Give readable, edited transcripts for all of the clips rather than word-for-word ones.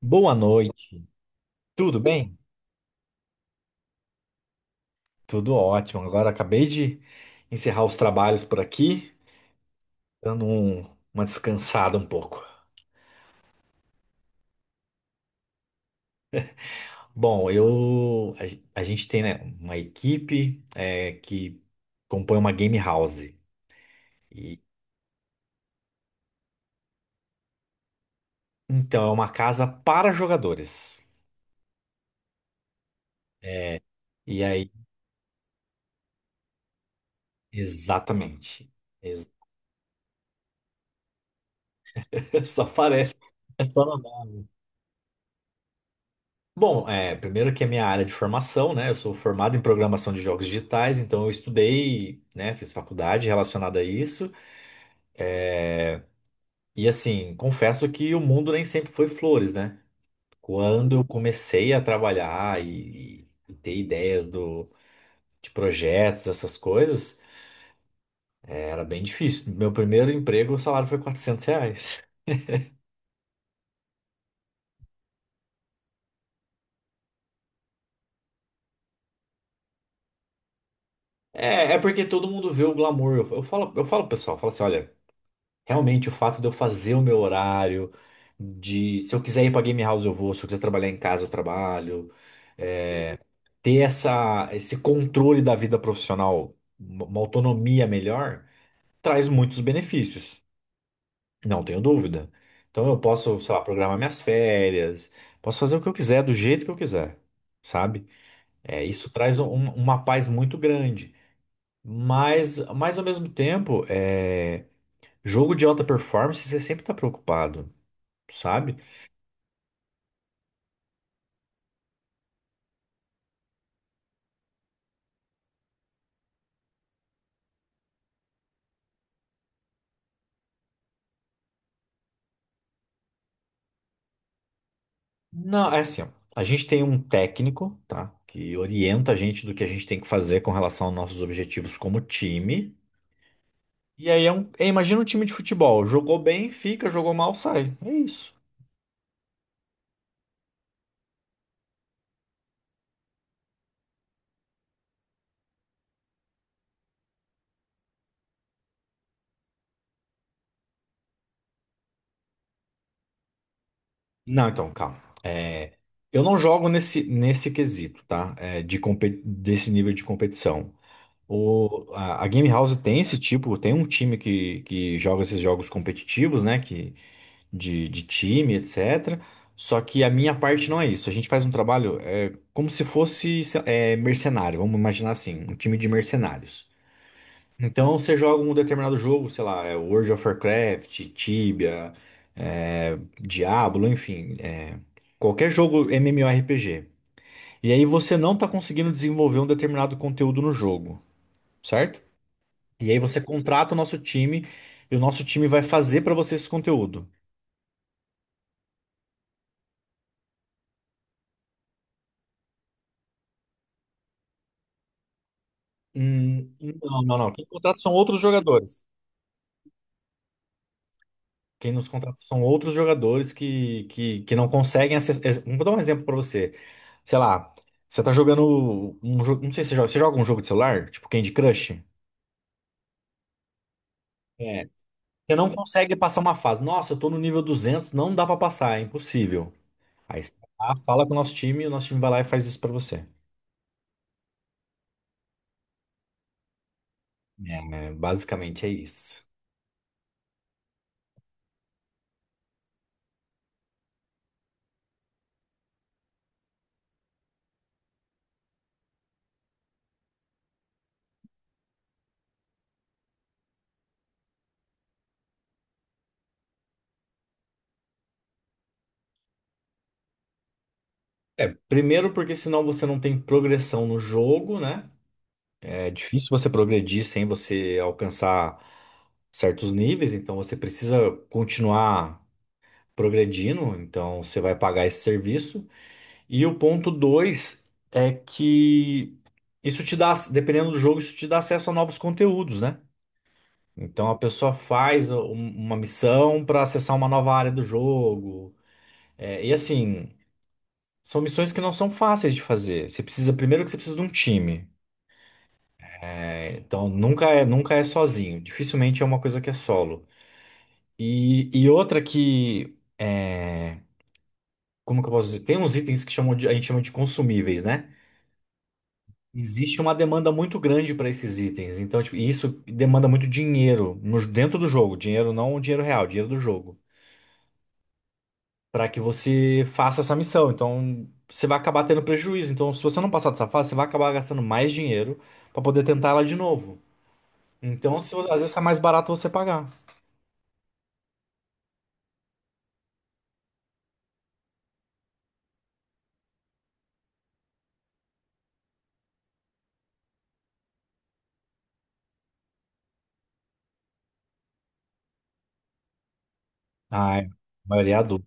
Boa noite, tudo bem? Tudo ótimo. Agora acabei de encerrar os trabalhos por aqui, dando uma descansada um pouco. Bom, eu a gente tem, né, uma equipe que compõe uma game house. E, então é uma casa para jogadores. É, e aí, exatamente. Ex- Só parece. Bom, primeiro que é minha área de formação, né? Eu sou formado em programação de jogos digitais, então eu estudei, né? Fiz faculdade relacionada a isso. E assim, confesso que o mundo nem sempre foi flores, né? Quando eu comecei a trabalhar e ter ideias de projetos, essas coisas, era bem difícil. Meu primeiro emprego, o salário foi R$ 400. É porque todo mundo vê o glamour. Eu falo, pro pessoal, eu falo assim, olha. Realmente, o fato de eu fazer o meu horário, de se eu quiser ir pra game house eu vou, se eu quiser trabalhar em casa eu trabalho, ter esse controle da vida profissional, uma autonomia melhor, traz muitos benefícios, não tenho dúvida. Então eu posso, sei lá, programar minhas férias, posso fazer o que eu quiser, do jeito que eu quiser, sabe? É, isso traz uma paz muito grande. Mas ao mesmo tempo, jogo de alta performance, você sempre está preocupado. Sabe? Não, é assim, ó. A gente tem um técnico, tá? Que orienta a gente do que a gente tem que fazer com relação aos nossos objetivos como time. E aí imagina um time de futebol. Jogou bem, fica, jogou mal, sai. É isso. Não, então, calma. É, Eu não jogo nesse quesito, tá? Desse nível de competição. A Game House tem esse tipo, tem um time que joga esses jogos competitivos, né? Que de time, etc. Só que a minha parte não é isso. A gente faz um trabalho como se fosse mercenário, vamos imaginar assim, um time de mercenários. Então você joga um determinado jogo, sei lá, é World of Warcraft, Tibia, Diablo, enfim, qualquer jogo MMORPG. E aí você não está conseguindo desenvolver um determinado conteúdo no jogo, certo? E aí você contrata o nosso time e o nosso time vai fazer para você esse conteúdo. Hum, não, não, não. Quem contrata são outros jogadores. Quem nos contrata são outros jogadores que não conseguem acessar. Vou dar um exemplo pra você. Sei lá, você tá jogando um jogo. Não sei se você joga. Você joga um jogo de celular? Tipo Candy Crush? É. Você não consegue passar uma fase. Nossa, eu tô no nível 200, não dá pra passar, é impossível. Aí você vai lá, fala com o nosso time e o nosso time vai lá e faz isso pra você. É, né, basicamente é isso. Primeiro, porque senão você não tem progressão no jogo, né? É difícil você progredir sem você alcançar certos níveis, então você precisa continuar progredindo, então você vai pagar esse serviço. E o ponto 2 é que isso te dá, dependendo do jogo, isso te dá acesso a novos conteúdos, né? Então a pessoa faz uma missão para acessar uma nova área do jogo. E assim, são missões que não são fáceis de fazer. Você precisa, primeiro que você precisa de um time. Então nunca é sozinho. Dificilmente é uma coisa que é solo. E outra que é, como que eu posso dizer? Tem uns itens a gente chama de consumíveis, né? Existe uma demanda muito grande para esses itens. Então, tipo, e isso demanda muito dinheiro dentro do jogo. Dinheiro não dinheiro real, dinheiro do jogo. Para que você faça essa missão. Então, você vai acabar tendo prejuízo. Então, se você não passar dessa fase, você vai acabar gastando mais dinheiro para poder tentar ela de novo. Então, se, às vezes é mais barato você pagar. Ah, é. A maioria é adulto.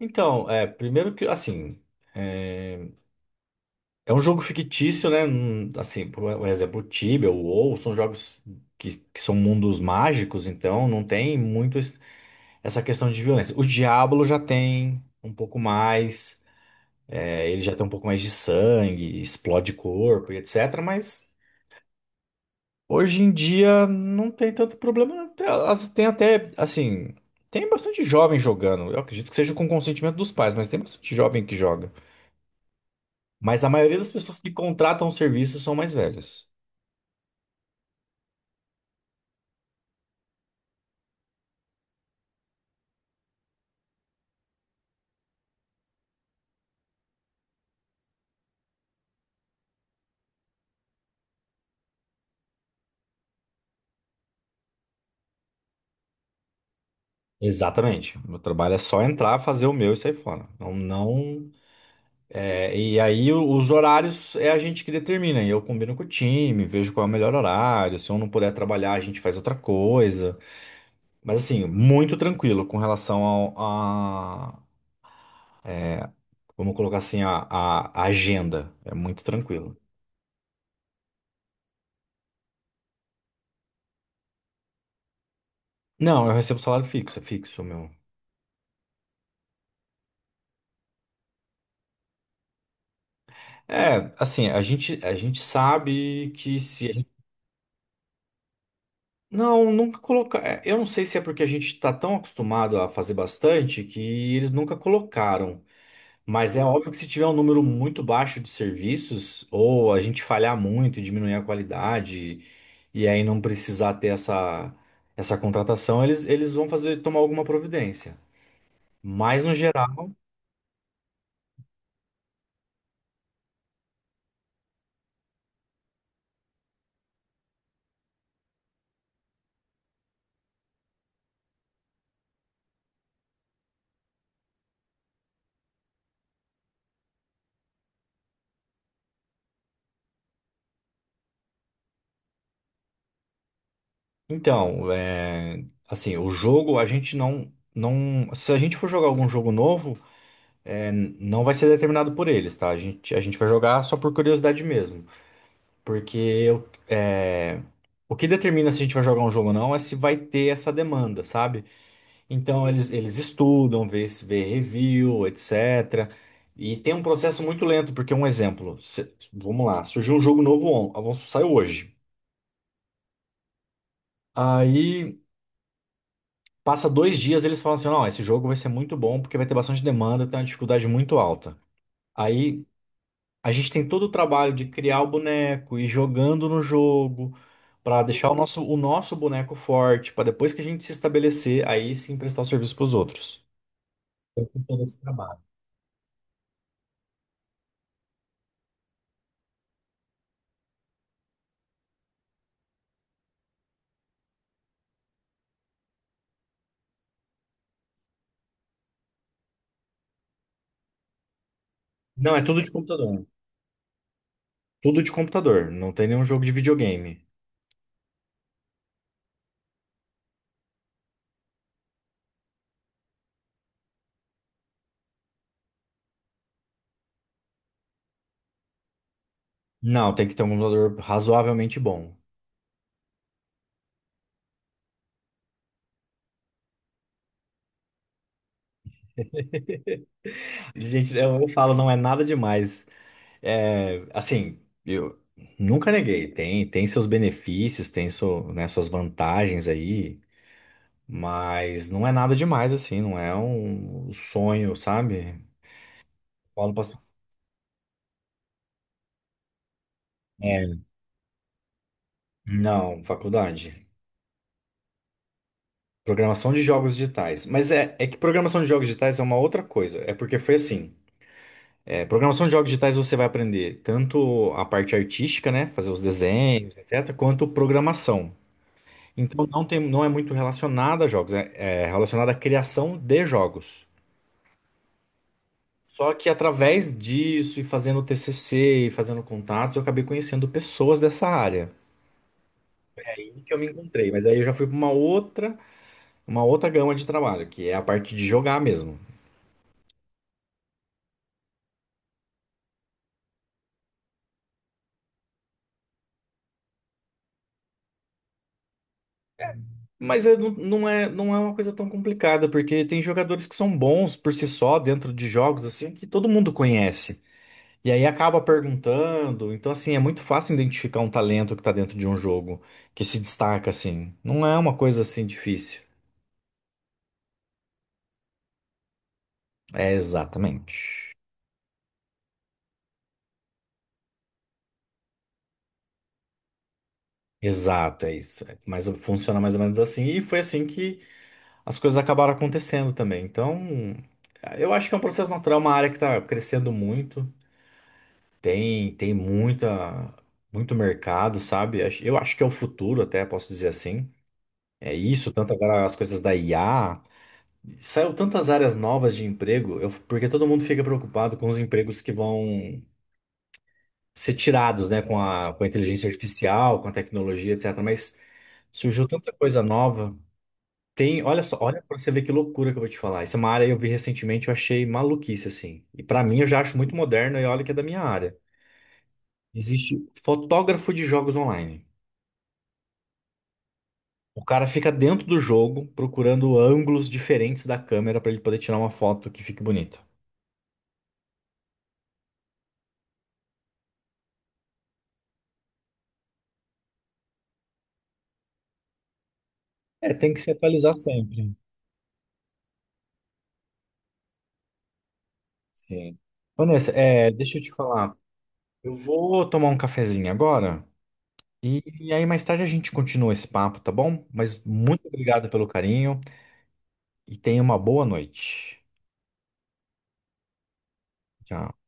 Então, primeiro que, assim. é, É um jogo fictício, né? Assim, por exemplo, o Tibia, o WoW, são jogos que são mundos mágicos, então não tem muito essa questão de violência. O Diablo já tem um pouco mais, ele já tem um pouco mais de sangue, explode corpo e etc. Mas hoje em dia não tem tanto problema. Não. Tem até, assim, tem bastante jovem jogando. Eu acredito que seja com consentimento dos pais, mas tem bastante jovem que joga. Mas a maioria das pessoas que contratam o serviço são mais velhas. Exatamente. Meu trabalho é só entrar, fazer o meu e sair fora. Não, não, e aí os horários é a gente que determina. E eu combino com o time, vejo qual é o melhor horário. Se eu não puder trabalhar, a gente faz outra coisa. Mas assim, muito tranquilo com relação a, vamos colocar assim, a agenda. É muito tranquilo. Não, eu recebo salário fixo, é fixo, meu. Assim, a gente sabe que se, não, nunca colocar. Eu não sei se é porque a gente está tão acostumado a fazer bastante que eles nunca colocaram. Mas é óbvio que se tiver um número muito baixo de serviços, ou a gente falhar muito e diminuir a qualidade, e aí não precisar ter essa contratação, eles vão fazer tomar alguma providência. Mas no geral, então, assim, o jogo a gente não, não. Se a gente for jogar algum jogo novo. Não vai ser determinado por eles, tá? A gente vai jogar só por curiosidade mesmo. Porque o que determina se a gente vai jogar um jogo ou não é se vai ter essa demanda, sabe? Então eles estudam, vê, se- vê review, etc. E tem um processo muito lento, porque um exemplo, vamos lá, surgiu um jogo novo, saiu hoje. Aí passa 2 dias eles falam assim, não, esse jogo vai ser muito bom porque vai ter bastante demanda, tem uma dificuldade muito alta. Aí a gente tem todo o trabalho de criar o boneco e jogando no jogo para deixar o nosso boneco forte, para depois que a gente se estabelecer, aí sim prestar o serviço para os outros. Com todo esse trabalho. Não, é tudo de computador. Tudo de computador. Não tem nenhum jogo de videogame. Não, tem que ter um computador razoavelmente bom. Gente, eu falo, não é nada demais. É, assim, eu nunca neguei. Tem seus benefícios, tem seu, né, suas vantagens aí. Mas não é nada demais, assim, não é um sonho, sabe? Falo pras pessoas. É, não, faculdade. Programação de jogos digitais. Mas é que programação de jogos digitais é uma outra coisa. É porque foi assim. Programação de jogos digitais você vai aprender tanto a parte artística, né? Fazer os desenhos, etc., quanto programação. Então não tem, não é muito relacionada a jogos, é relacionada à criação de jogos. Só que através disso e fazendo TCC e fazendo contatos, eu acabei conhecendo pessoas dessa área. E que eu me encontrei, mas aí eu já fui para uma outra gama de trabalho, que é a parte de jogar mesmo. Mas não, não é uma coisa tão complicada, porque tem jogadores que são bons por si só dentro de jogos assim que todo mundo conhece. E aí acaba perguntando, então assim, é muito fácil identificar um talento que está dentro de um jogo que se destaca assim. Não é uma coisa assim difícil. É exatamente. Exato, é isso. É, mas funciona mais ou menos assim. E foi assim que as coisas acabaram acontecendo também. Então, eu acho que é um processo natural, é uma área que está crescendo muito. Tem muita, muito mercado, sabe? Eu acho que é o futuro, até posso dizer assim. É isso, tanto agora as coisas da IA. Saiu tantas áreas novas de emprego, porque todo mundo fica preocupado com os empregos que vão ser tirados, né? Com a inteligência artificial, com a tecnologia, etc. Mas surgiu tanta coisa nova. Tem, olha só, olha pra você ver que loucura que eu vou te falar. Essa é uma área que eu vi recentemente, eu achei maluquice, assim. E pra mim eu já acho muito moderno e olha que é da minha área. Existe fotógrafo de jogos online. O cara fica dentro do jogo procurando ângulos diferentes da câmera pra ele poder tirar uma foto que fique bonita. É, tem que se atualizar sempre. Sim. Vanessa, deixa eu te falar. Eu vou tomar um cafezinho agora e aí mais tarde a gente continua esse papo, tá bom? Mas muito obrigado pelo carinho e tenha uma boa noite. Tchau.